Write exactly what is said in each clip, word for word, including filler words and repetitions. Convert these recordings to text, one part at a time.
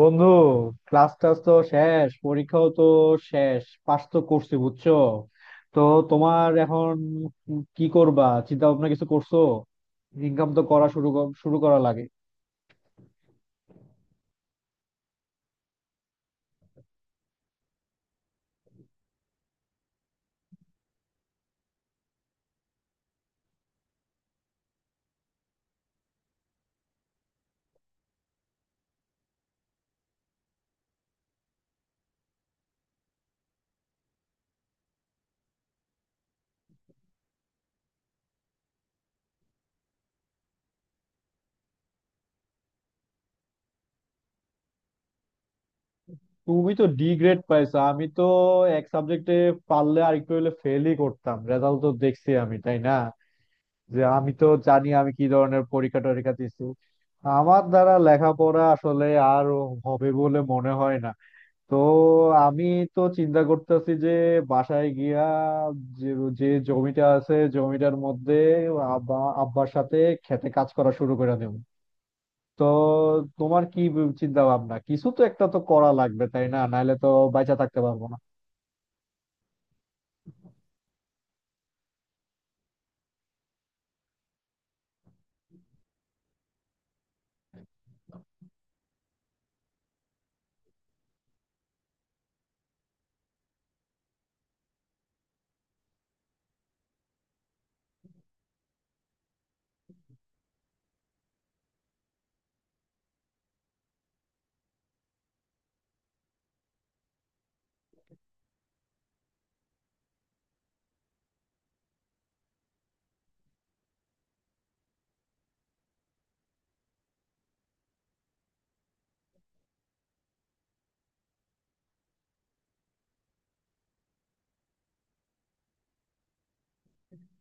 বন্ধু, ক্লাস টাস তো শেষ, পরীক্ষাও তো শেষ, পাস তো করছি বুঝছো। তো তোমার এখন কি করবা? চিন্তা ভাবনা কিছু করছো? ইনকাম তো করা শুরু কর- শুরু করা লাগে। তুমি তো ডি গ্রেড পাইছো, আমি তো এক সাবজেক্টে পারলে আর একটু হলে ফেলই করতাম। রেজাল্ট তো দেখছি আমি, তাই না? যে আমি তো জানি আমি কি ধরনের পরীক্ষা টরীক্ষা দিছি। আমার দ্বারা লেখাপড়া আসলে আর হবে বলে মনে হয় না। তো আমি তো চিন্তা করতেছি যে বাসায় গিয়া, যে, যে জমিটা আছে জমিটার মধ্যে আব্বা, আব্বার সাথে খেতে কাজ করা শুরু করে দেব। তো তোমার কি চিন্তা ভাবনা? কিছু তো একটা তো করা লাগবে, তাই না? নাহলে তো বাইচা থাকতে পারবো না।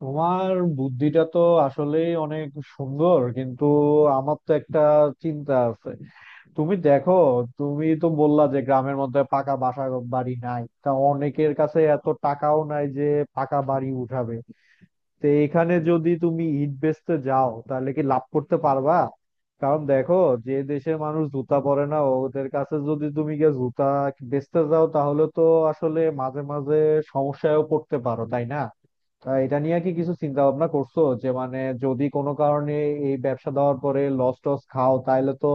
তোমার বুদ্ধিটা তো আসলেই অনেক সুন্দর, কিন্তু আমার তো একটা চিন্তা আছে। তুমি দেখো, তুমি তো বললা যে গ্রামের মধ্যে পাকা বাসা বাড়ি নাই, তা অনেকের কাছে এত টাকাও নাই যে পাকা বাড়ি উঠাবে। তো এখানে যদি তুমি ইট বেচতে যাও তাহলে কি লাভ করতে পারবা? কারণ দেখো, যে দেশের মানুষ জুতা পরে না, ওদের কাছে যদি তুমি গিয়ে জুতা বেচতে যাও তাহলে তো আসলে মাঝে মাঝে সমস্যায়ও পড়তে পারো, তাই না? তা এটা নিয়ে কি কিছু চিন্তা ভাবনা করছো যে মানে, যদি কোনো কারণে এই ব্যবসা দেওয়ার পরে লস টস খাও তাহলে তো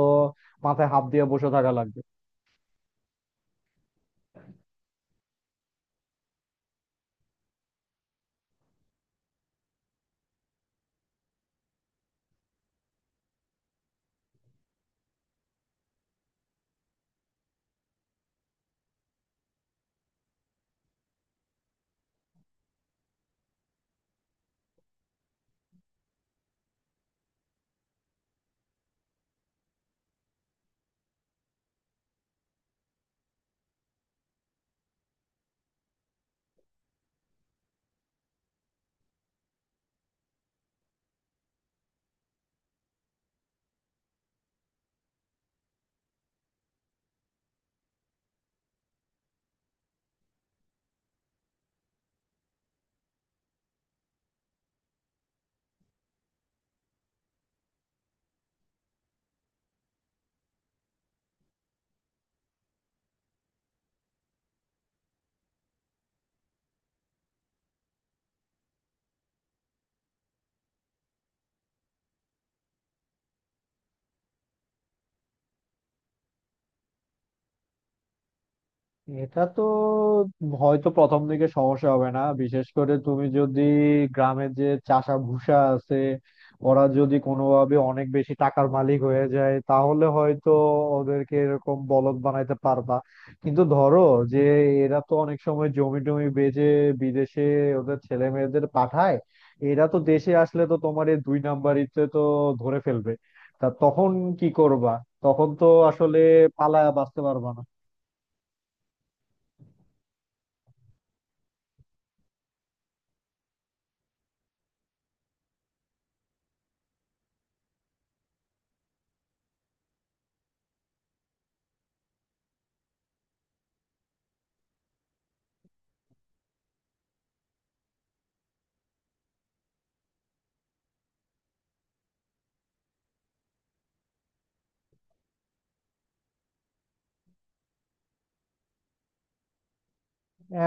মাথায় হাত দিয়ে বসে থাকা লাগবে। এটা তো হয়তো প্রথম দিকে সমস্যা হবে না, বিশেষ করে তুমি যদি গ্রামের যে চাষা ভুষা আছে, ওরা যদি কোনোভাবে অনেক বেশি টাকার মালিক হয়ে যায় তাহলে হয়তো ওদেরকে এরকম বলদ বানাইতে পারবা। কিন্তু ধরো, যে এরা তো অনেক সময় জমি টমি বেচে বিদেশে ওদের ছেলে মেয়েদের পাঠায়। এরা তো দেশে আসলে তো তোমার এই দুই নাম্বারিতে তো ধরে ফেলবে। তা তখন কি করবা? তখন তো আসলে পালায়া বাঁচতে পারবা না।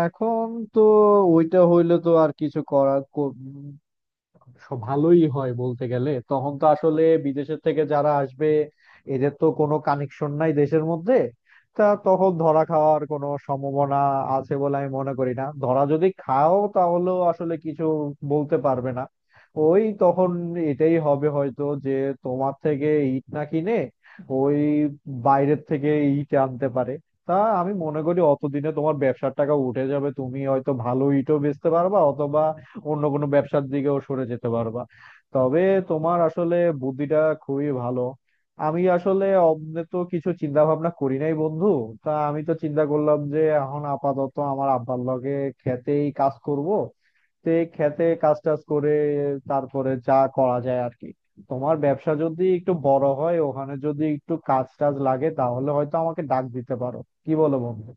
এখন তো ওইটা হইলে তো আর কিছু করার কর- সব ভালোই হয় বলতে গেলে, তখন তো আসলে বিদেশের থেকে যারা আসবে এদের তো কোনো কানেকশন নাই দেশের মধ্যে। তা তখন ধরা খাওয়ার কোনো সম্ভাবনা আছে বলে আমি মনে করি না। ধরা যদি খাও তাহলেও আসলে কিছু বলতে পারবে না। ওই তখন এটাই হবে হয়তো যে তোমার থেকে ইট না কিনে ওই বাইরের থেকে ইট আনতে পারে। তা আমি মনে করি অতদিনে তোমার ব্যবসার টাকা উঠে যাবে, তুমি হয়তো ভালো ইটও বেচতে পারবা অথবা অন্য কোনো ব্যবসার দিকেও সরে যেতে পারবা। তবে তোমার আসলে বুদ্ধিটা খুবই ভালো। আমি আসলে অমনে তো কিছু চিন্তা ভাবনা করি নাই বন্ধু। তা আমি তো চিন্তা করলাম যে এখন আপাতত আমার আব্বার লগে খেতেই কাজ করব। তো এই খেতে কাজ টাজ করে তারপরে যা করা যায় আর কি। তোমার ব্যবসা যদি একটু বড় হয়, ওখানে যদি একটু কাজ টাজ লাগে তাহলে হয়তো আমাকে ডাক দিতে পারো। কি বলো বন্ধু?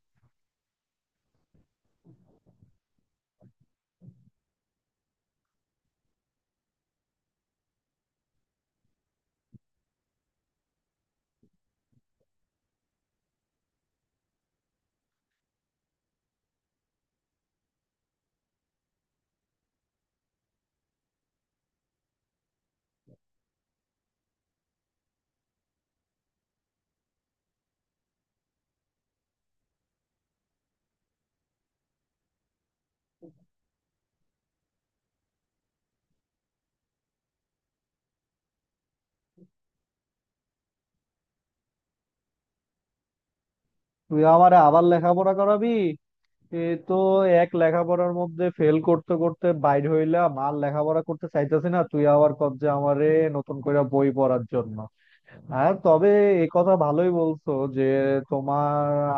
তুই আমারে আবার লেখাপড়া করাবি? এ, তো এক লেখাপড়ার মধ্যে ফেল করতে করতে বাইর হইলাম, আর লেখাপড়া করতে চাইতেছি না, তুই আবার কব যে আমারে নতুন করে বই পড়ার জন্য। হ্যাঁ তবে এ কথা ভালোই বলছো যে তোমার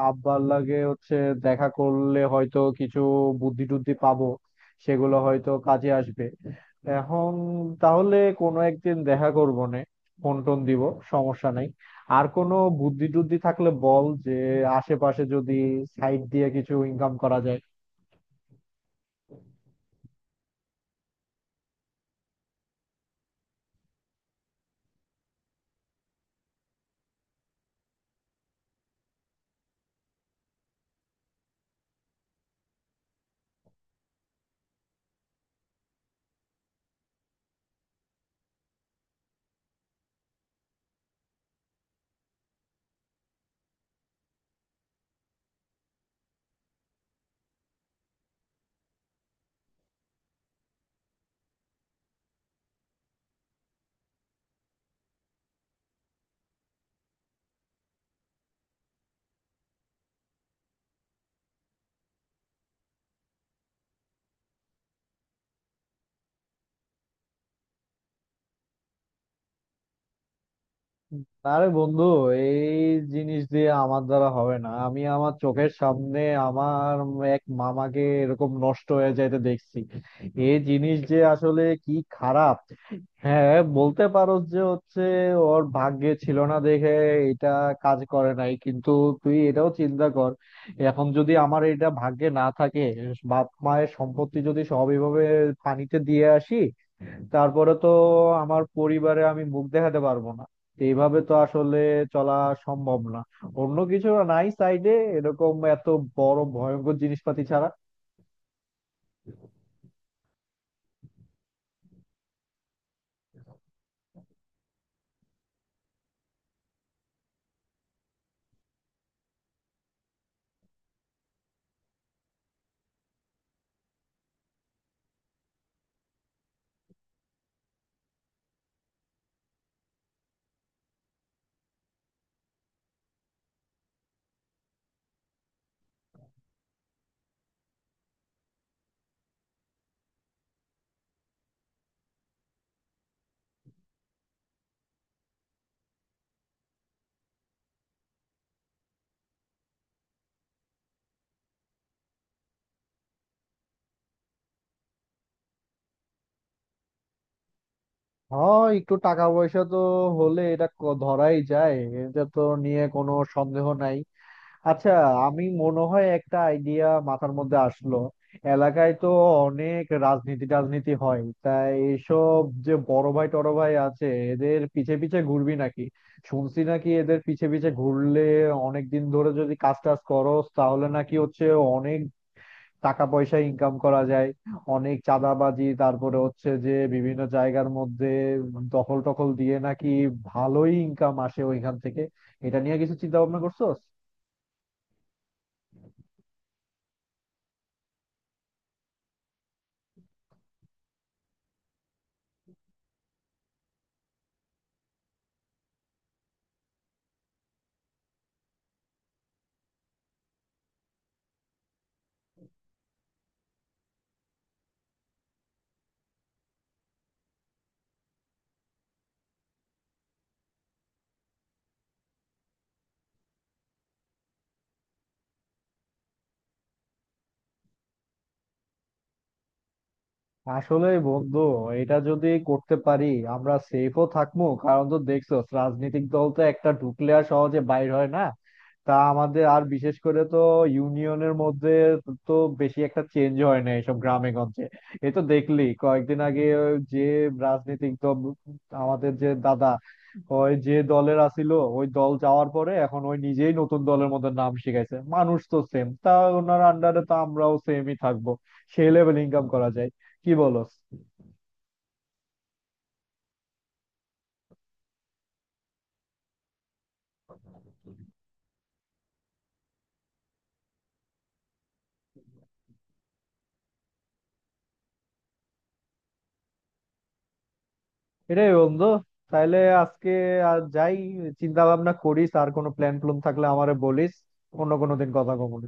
আব্বার লাগে হচ্ছে দেখা করলে হয়তো কিছু বুদ্ধি টুদ্ধি পাবো, সেগুলো হয়তো কাজে আসবে। এখন তাহলে কোনো একদিন দেখা করবো নে, ফোন টোন দিব, সমস্যা নাই। আর কোনো বুদ্ধি টুদ্ধি থাকলে বল, যে আশেপাশে যদি সাইড দিয়ে কিছু ইনকাম করা যায়। আরে বন্ধু, এই জিনিস দিয়ে আমার দ্বারা হবে না। আমি আমার চোখের সামনে আমার এক মামাকে এরকম নষ্ট হয়ে যাইতে দেখছি। এই জিনিস যে আসলে কি খারাপ! হ্যাঁ, বলতে পারো যে হচ্ছে ওর ভাগ্যে ছিল না দেখে এটা কাজ করে নাই। কিন্তু তুই এটাও চিন্তা কর, এখন যদি আমার এটা ভাগ্যে না থাকে, বাপ মায়ের সম্পত্তি যদি সব এভাবে পানিতে দিয়ে আসি, তারপরে তো আমার পরিবারে আমি মুখ দেখাতে পারবো না। তো এইভাবে তো আসলে চলা সম্ভব না। অন্য কিছু নাই সাইডে, এরকম এত বড় ভয়ঙ্কর জিনিসপাতি ছাড়া? হয় একটু টাকা পয়সা তো হলে এটা ক- ধরাই যায়, এটা তো নিয়ে কোনো সন্দেহ নাই। আচ্ছা, আমি মনে হয় একটা আইডিয়া মাথার মধ্যে আসলো। এলাকায় তো অনেক রাজনীতি টাজনীতি হয়, তাই এইসব যে বড় ভাই টড় ভাই আছে এদের পিছে পিছে ঘুরবি নাকি? শুনছি নাকি এদের পিছে পিছে ঘুরলে, অনেক দিন ধরে যদি কাজ টাজ করস তাহলে নাকি হচ্ছে অনেক টাকা পয়সা ইনকাম করা যায়। অনেক চাঁদাবাজি, তারপরে হচ্ছে যে বিভিন্ন জায়গার মধ্যে দখল টখল দিয়ে নাকি ভালোই ইনকাম আসে ওইখান থেকে। এটা নিয়ে কিছু চিন্তা ভাবনা করছোস? আসলে বন্ধু এটা যদি করতে পারি আমরা সেফও থাকবো, কারণ তো দেখছো রাজনৈতিক দল তো একটা ঢুকলে আর সহজে বাইর হয় না। তা আমাদের আর বিশেষ করে তো ইউনিয়নের মধ্যে তো বেশি একটা চেঞ্জ হয় না এসব গ্রামে গঞ্জে। এ তো দেখলি কয়েকদিন আগে যে রাজনৈতিক দল, আমাদের যে দাদা ওই যে দলের আছিল, ওই দল যাওয়ার পরে এখন ওই নিজেই নতুন দলের মধ্যে নাম শিখাইছে। মানুষ তো সেম, তা ওনার আন্ডারে তো আমরাও সেমই থাকবো। সেই লেভেল ইনকাম করা যায়। কি বলস? এটাই বন্ধু। তাইলে আজকে আর, যাই চিন্তা ভাবনা করিস, আর কোনো প্ল্যান প্লুন থাকলে আমারে বলিস। অন্য কোনো দিন কথা কমুনি।